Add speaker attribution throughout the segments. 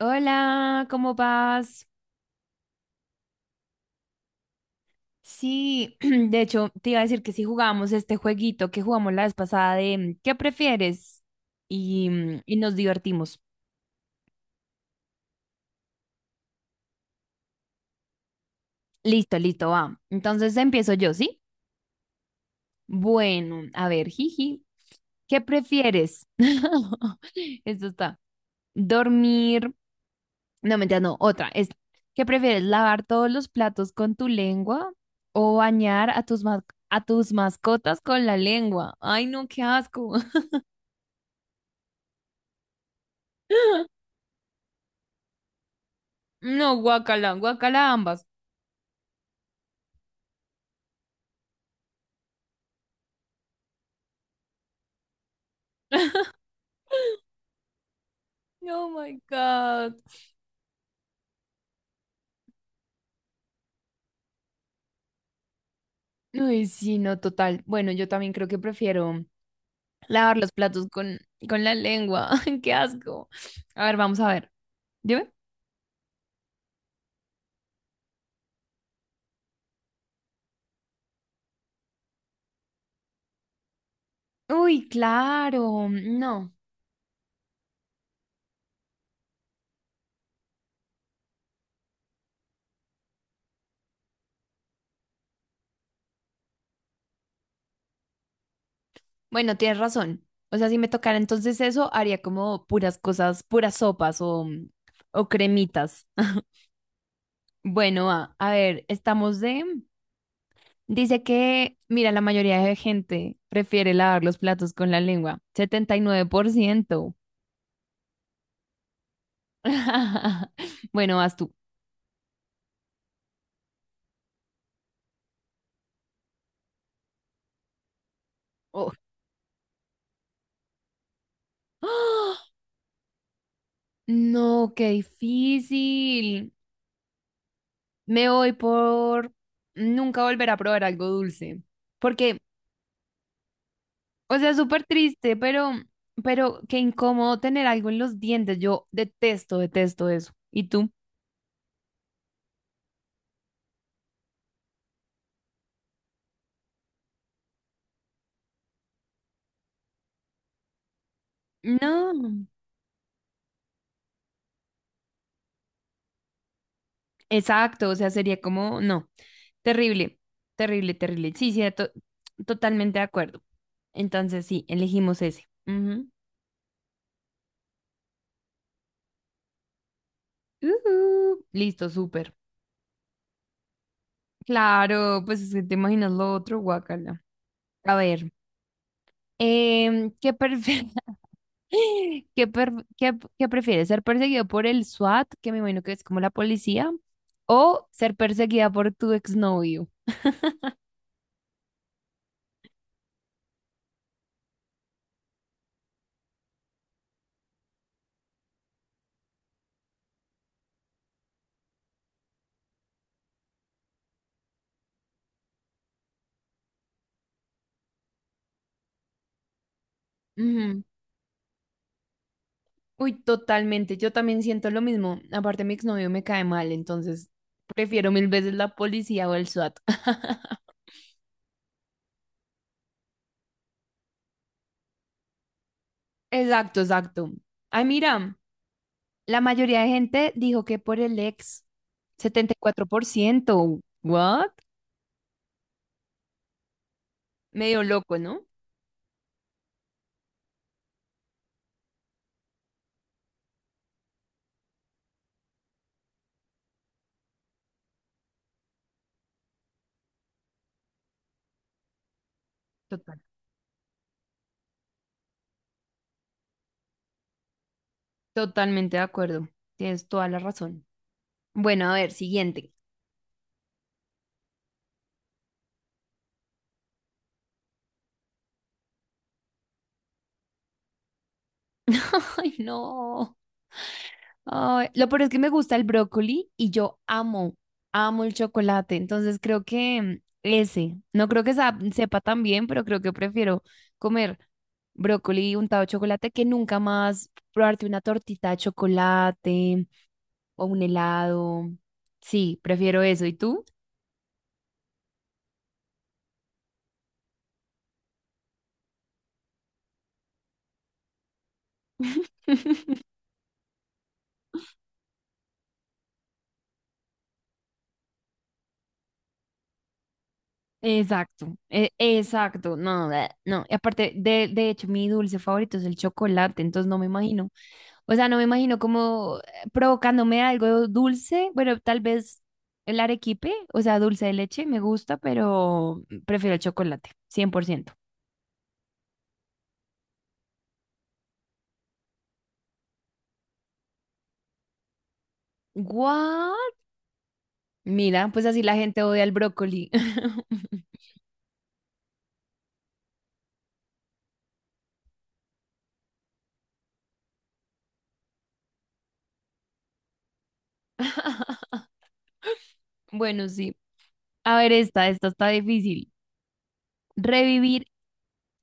Speaker 1: Hola, ¿cómo vas? Sí, de hecho, te iba a decir que si jugamos este jueguito que jugamos la vez pasada de ¿qué prefieres? Y, y nos divertimos. Listo, listo, va. Entonces empiezo yo, ¿sí? Bueno, a ver, jiji, ¿qué prefieres? Esto está. Dormir. No, mentira, no, otra. Esta. ¿Qué prefieres? ¿Lavar todos los platos con tu lengua o bañar a tus, a tus mascotas con la lengua? Ay, no, qué asco. No, guacala, guacala ambas. Oh my God. Uy, sí, no, total. Bueno, yo también creo que prefiero lavar los platos con la lengua. Qué asco. A ver, vamos a ver. Dime. Uy, claro. No. Bueno, tienes razón. O sea, si me tocara entonces eso, haría como puras cosas, puras sopas o cremitas. Bueno, a ver, estamos de dice que, mira, la mayoría de gente prefiere lavar los platos con la lengua. 79%. Bueno, vas tú. Oh, ¡Ah! No, qué difícil. Me voy por nunca volver a probar algo dulce. Porque, o sea, es súper triste, pero qué incómodo tener algo en los dientes. Yo detesto, detesto eso. ¿Y tú? No. Exacto, o sea, sería como, no, terrible, terrible, terrible. Sí, sí, totalmente de acuerdo. Entonces, sí, elegimos ese. Ujú. Ujú. Listo, súper. Claro, pues es que te imaginas lo otro, guacala. A ver, ¿qué, qué, qué prefieres? ¿Ser perseguido por el SWAT, que me imagino que es como la policía, o ser perseguida por tu exnovio? Uy, totalmente. Yo también siento lo mismo. Aparte, mi exnovio me cae mal, entonces prefiero mil veces la policía o el SWAT. Exacto, exacto. Ay, mira, la mayoría de gente dijo que por el ex, 74%. ¿What? Medio loco, ¿no? Total. Totalmente de acuerdo. Tienes toda la razón. Bueno, a ver, siguiente. Ay, no. Ay, lo peor es que me gusta el brócoli y yo amo, amo el chocolate. Entonces creo que ese, no creo que sepa tan bien, pero creo que prefiero comer brócoli untado de chocolate que nunca más probarte una tortita de chocolate o un helado. Sí, prefiero eso. ¿Y tú? Exacto, exacto, no, bleh, no. Y aparte, de hecho, mi dulce favorito es el chocolate, entonces no me imagino, o sea, no me imagino como provocándome algo dulce, bueno, tal vez el arequipe, o sea, dulce de leche, me gusta, pero prefiero el chocolate, 100%. ¿What? Mira, pues así la gente odia el brócoli. Bueno, sí. A ver, esta está difícil. Revivir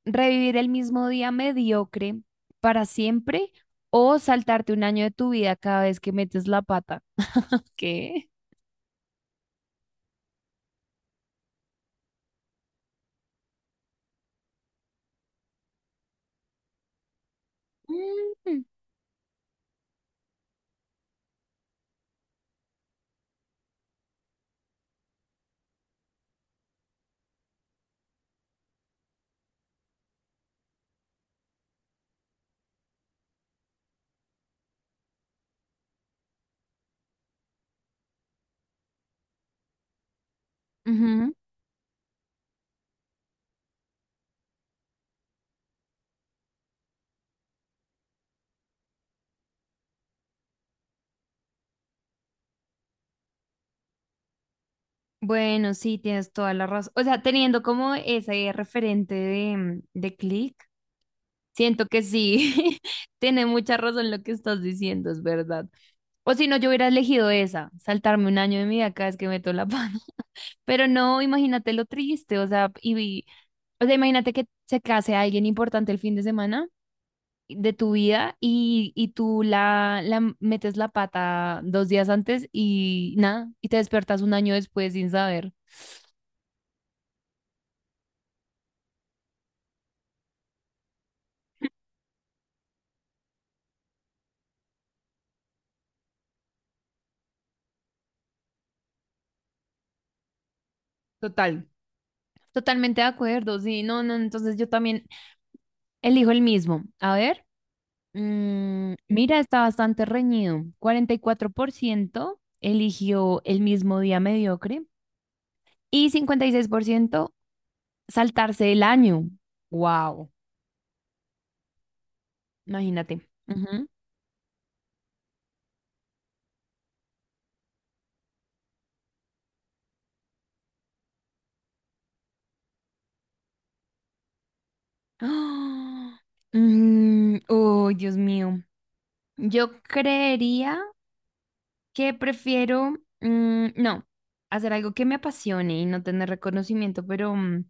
Speaker 1: revivir el mismo día mediocre para siempre o saltarte un año de tu vida cada vez que metes la pata. ¿Qué? Mm, ujú. Bueno, sí, tienes toda la razón. O sea, teniendo como ese referente de, de Click, siento que sí, tiene mucha razón lo que estás diciendo, es verdad. O si no, yo hubiera elegido esa, saltarme un año de mi vida cada vez que meto la pata. Pero no, imagínate lo triste, o sea, y, o sea, imagínate que se case alguien importante el fin de semana de tu vida y tú la metes la pata dos días antes y nada, y te despertas un año después sin saber. Total. Totalmente de acuerdo, sí, no, no, entonces yo también elijo el mismo. A ver, mira, está bastante reñido. 44% eligió el mismo día mediocre y 56% saltarse el año. Wow, imagínate. Ujú. ¡Ah! Oh, Dios mío. Yo creería que prefiero, no, hacer algo que me apasione y no tener reconocimiento, pero, o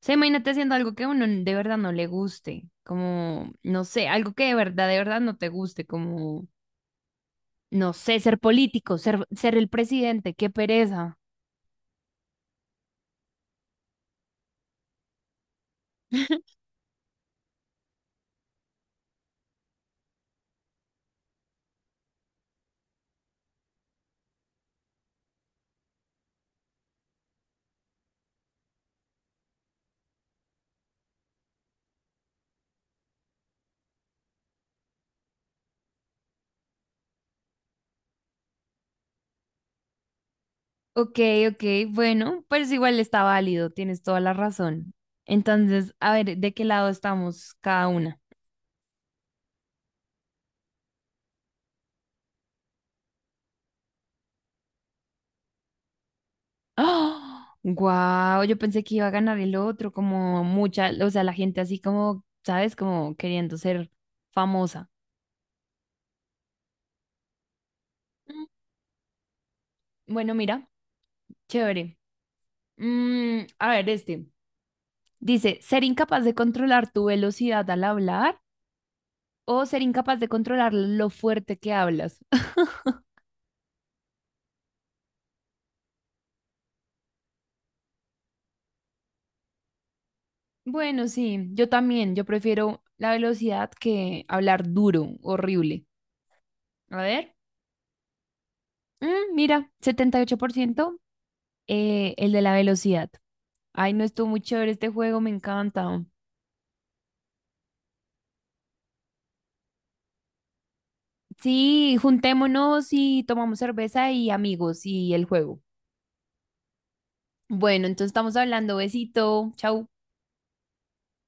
Speaker 1: sea, imagínate haciendo algo que a uno de verdad no le guste, como, no sé, algo que de verdad no te guste, como, no sé, ser político, ser, ser el presidente, qué pereza. Ok, ok, bueno, pues igual está válido, tienes toda la razón. Entonces, a ver, ¿de qué lado estamos cada una? Wow, yo pensé que iba a ganar el otro, como mucha, o sea, la gente así como, ¿sabes? Como queriendo ser famosa. Mm, bueno, mira, chévere. A ver, este. Dice, ser incapaz de controlar tu velocidad al hablar o ser incapaz de controlar lo fuerte que hablas. Bueno, sí, yo también, yo prefiero la velocidad que hablar duro, horrible. A ver, mira, 78%, el de la velocidad. Ay, no estuvo muy chévere este juego, me encanta. Sí, juntémonos y tomamos cerveza y amigos y el juego. Bueno, entonces estamos hablando. Besito. Chau.